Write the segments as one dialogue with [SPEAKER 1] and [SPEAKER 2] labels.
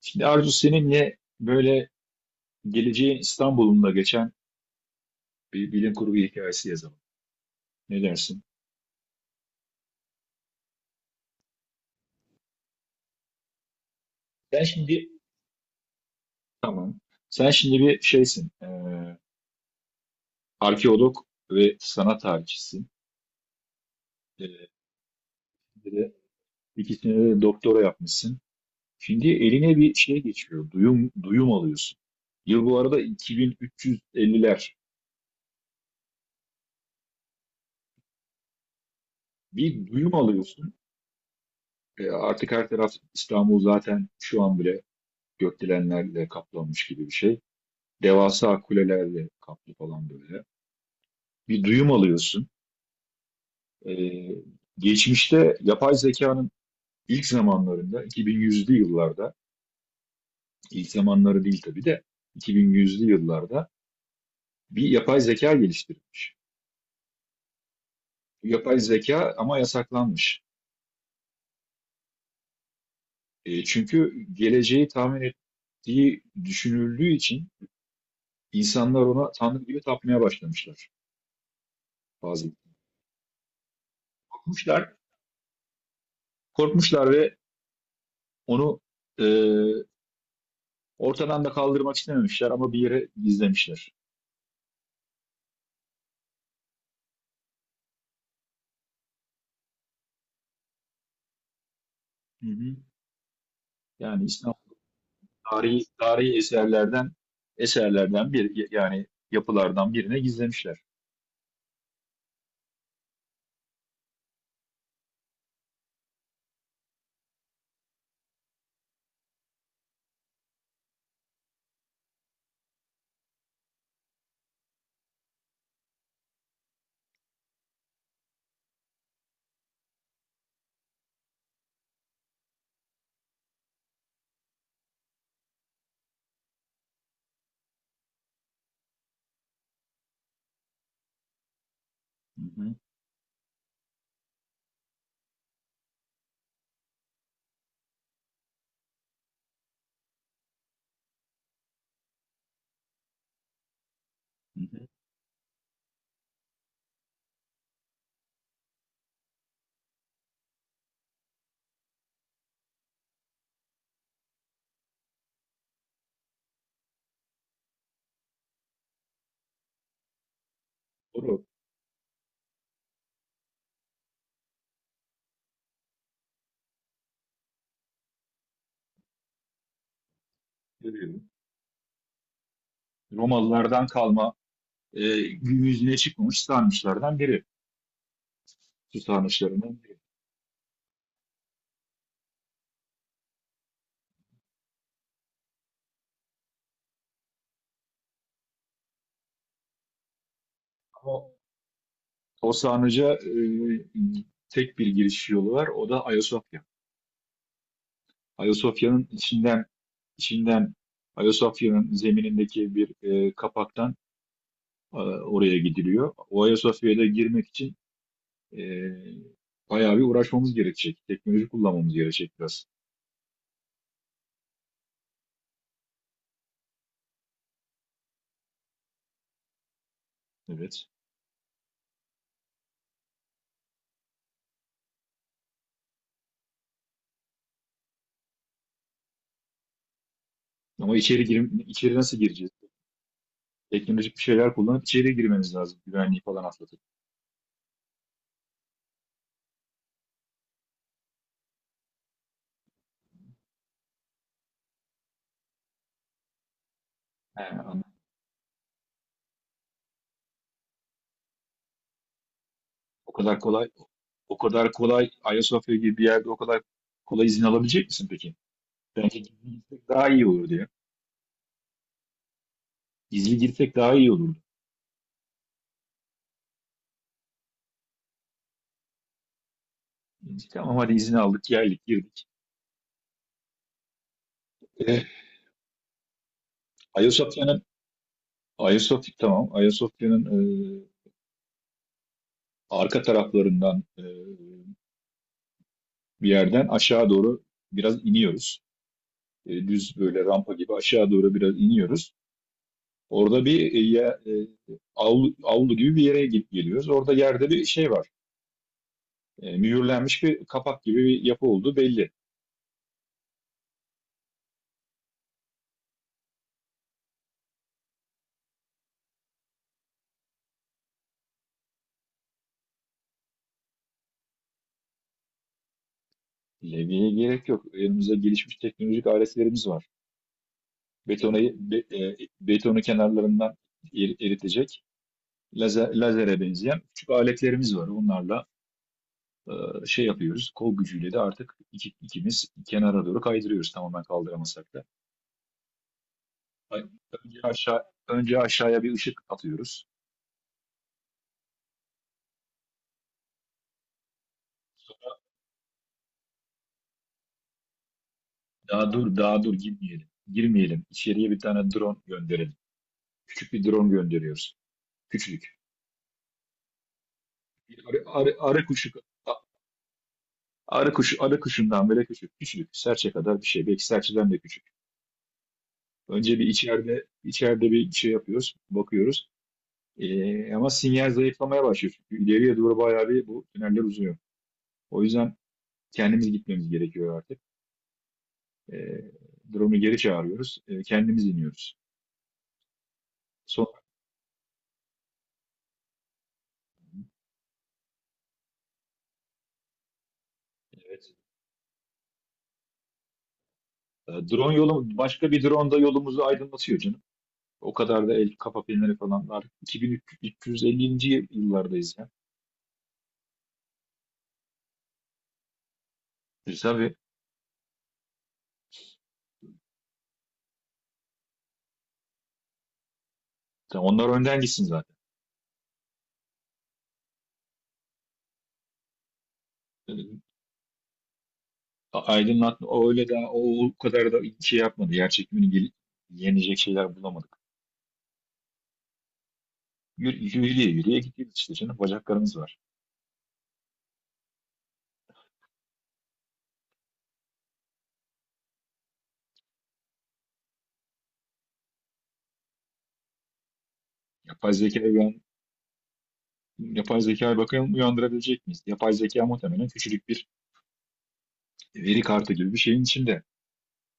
[SPEAKER 1] Şimdi Arzu seninle böyle geleceğin İstanbul'unda geçen bir bilim kurgu hikayesi yazalım. Ne dersin? Sen şimdi tamam. Sen şimdi bir şeysin. Arkeolog ve sanat tarihçisin. E, bir de ikisine de doktora yapmışsın. Şimdi eline bir şey geçiyor. Duyum duyum alıyorsun. Yıl bu arada 2350'ler. Bir duyum alıyorsun. Artık her taraf İstanbul zaten şu an bile gökdelenlerle kaplanmış gibi bir şey. Devasa kulelerle kaplı falan böyle. Bir duyum alıyorsun. Ee, geçmişte yapay zekanın ilk zamanlarında, 2100'lü yıllarda, ilk zamanları değil tabii de 2100'lü yıllarda bir yapay zeka geliştirilmiş. Bu yapay zeka ama yasaklanmış. Çünkü geleceği tahmin ettiği düşünüldüğü için insanlar ona tanrı gibi tapmaya başlamışlar. Bazı korkmuşlar, korkmuşlar, ve onu e, Ortadan da kaldırmak istememişler ama bir yere gizlemişler. Hı hı. Yani İstanbul tarihi eserlerden bir yani yapılardan birine gizlemişler. Hı hı. Hı hı. Doğru. Görüyorum. Romalılardan kalma gün yüzüne çıkmamış sarnıçlardan biri. Su sarnıçlarından biri. Ama o sarnıca tek bir giriş yolu var. O da Ayasofya. Ayasofya'nın içinden içinden Ayasofya'nın zeminindeki bir kapaktan oraya gidiliyor. O Ayasofya'ya da girmek için e, bayağı bir uğraşmamız gerekecek. Teknoloji kullanmamız gerekecek biraz. Evet. Ama içeri nasıl gireceğiz? Teknolojik bir şeyler kullanıp içeri girmeniz lazım. Güvenliği falan atlatıp. He, anladım. O kadar kolay o kadar kolay Ayasofya gibi bir yerde o kadar kolay izin alabilecek misin peki? Bence gizli girsek daha iyi olur ya. Gizli girsek daha iyi olurdu. Dedik, tamam hadi izin aldık, geldik, girdik. Eh, Ayasofya'nın Ayasofya tamam. Ayasofya'nın arka taraflarından bir yerden aşağı doğru biraz iniyoruz. Düz böyle rampa gibi aşağı doğru biraz iniyoruz. Orada bir avlu gibi bir yere gidip geliyoruz. Orada yerde bir şey var. Mühürlenmiş bir kapak gibi bir yapı olduğu belli. Levyeye gerek yok. Elimizde gelişmiş teknolojik aletlerimiz var. Betonu, betonu kenarlarından eritecek lazere benzeyen küçük aletlerimiz var. Onlarla e, şey yapıyoruz. Kol gücüyle de artık ikimiz kenara doğru kaydırıyoruz tamamen kaldıramasak da. Önce aşağı, önce aşağıya bir ışık atıyoruz. Daha dur, daha dur girmeyelim. Girmeyelim. İçeriye bir tane drone gönderelim. Küçük bir drone gönderiyoruz. Küçücük. Bir a- arı kuşu, arı kuşundan bile küçük. Küçücük. Serçe kadar bir şey. Belki serçeden de küçük. Önce bir içeride bir şey yapıyoruz. Bakıyoruz. Ama sinyal zayıflamaya başlıyor. Çünkü ileriye doğru bayağı bir bu tüneller uzuyor. O yüzden kendimiz gitmemiz gerekiyor artık. Ee, drone'u geri çağırıyoruz. Kendimiz iniyoruz. Son, Evet. Başka bir drone da yolumuzu aydınlatıyor canım. O kadar da el kafa filmleri falan var. 2350. yıllardayız ya. Tabii. Tabii onlar önden gitsin zaten. E, Aydınlatma o öyle de o kadar da şey yapmadı. Yer çekimini yenecek şeyler bulamadık. Yürüye yürüye gidiyoruz işte canım. Bacaklarımız var. Yapay zeka Yapay zekaya bakalım uyandırabilecek miyiz? Yapay zeka muhtemelen küçücük bir veri kartı gibi bir şeyin içinde.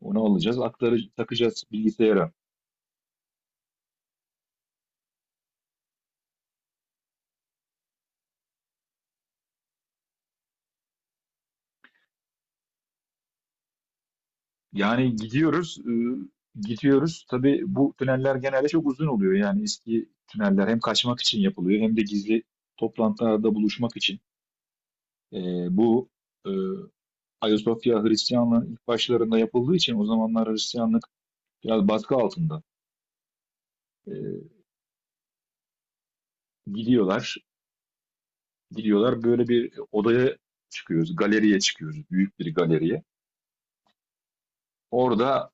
[SPEAKER 1] Onu alacağız, takacağız bilgisayara. Yani gidiyoruz. Tabii bu tüneller genelde çok uzun oluyor. Yani eski tüneller hem kaçmak için yapılıyor hem de gizli toplantılarda buluşmak için. E, bu e, Ayasofya Hristiyanlığın ilk başlarında yapıldığı için o zamanlar Hristiyanlık biraz baskı altında. E, gidiyorlar, gidiyorlar. Böyle bir odaya çıkıyoruz. Galeriye çıkıyoruz. Büyük bir galeriye. Orada,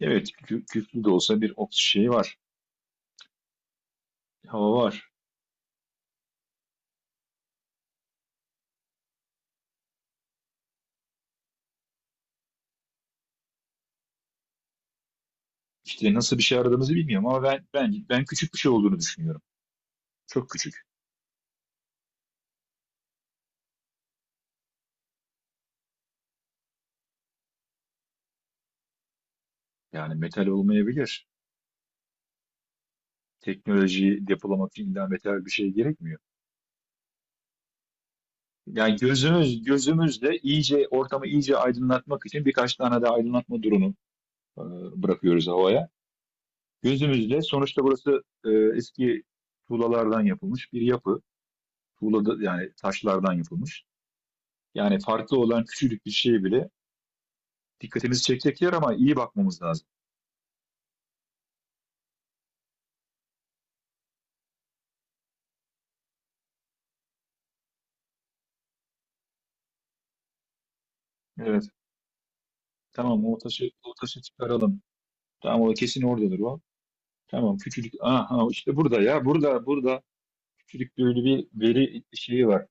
[SPEAKER 1] evet, küflü de olsa bir şey var. Hava var. İşte nasıl bir şey aradığımızı bilmiyorum ama ben küçük bir şey olduğunu düşünüyorum. Çok küçük. Yani metal olmayabilir. Teknolojiyi depolamak için illa metal bir şey gerekmiyor. Yani gözümüzle iyice ortamı iyice aydınlatmak için birkaç tane de aydınlatma durumu e, bırakıyoruz havaya. Gözümüzle sonuçta burası eski tuğlalardan yapılmış bir yapı. Tuğla yani taşlardan yapılmış. Yani farklı olan küçücük bir şey bile dikkatimizi çekecek yer ama iyi bakmamız lazım. Evet. Tamam o taşı çıkaralım. Tamam o kesin oradadır o. Tamam küçücük. Aha işte burada ya, burada küçücük böyle bir veri şeyi var.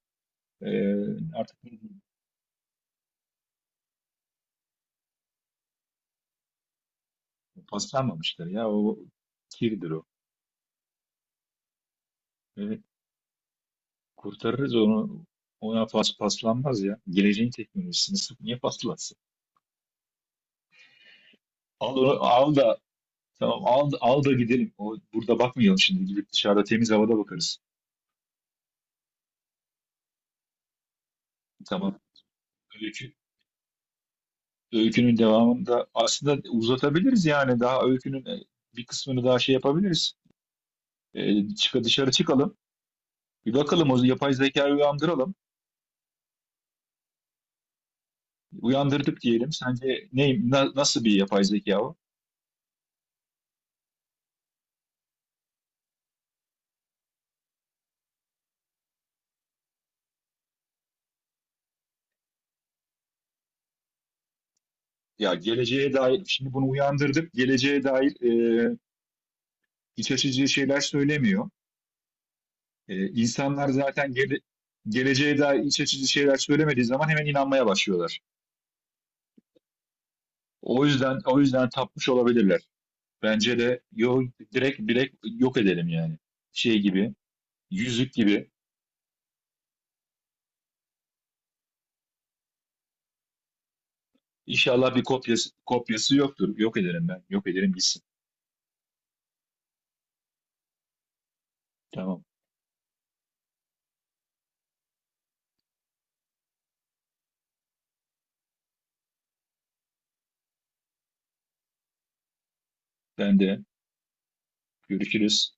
[SPEAKER 1] Ee, artık paslanmamıştır ya o kirdir o. Evet, kurtarırız onu. Ona paslanmaz ya. Geleceğin teknolojisini niye paslansın? Al onu al da Tamam al da gidelim. O, burada bakmayalım şimdi. Gidip dışarıda temiz havada bakarız. Tamam. Öykü, Öykünün devamında aslında uzatabiliriz yani. Daha öykünün bir kısmını daha şey yapabiliriz. Dışarı çıkalım. Bir bakalım o yapay zekayı uyandıralım. Uyandırdık diyelim. Sence nasıl bir yapay zeka o? Ya geleceğe dair, şimdi bunu uyandırdık. Geleceğe dair e, iç açıcı şeyler söylemiyor. E, insanlar zaten geleceğe dair iç açıcı şeyler söylemediği zaman hemen inanmaya başlıyorlar. O yüzden tapmış olabilirler. Bence de direkt direkt yok edelim yani. Şey gibi, yüzük gibi. İnşallah bir kopyası yoktur. Yok edelim ben. Yok ederim gitsin. Tamam. Ben de görüşürüz.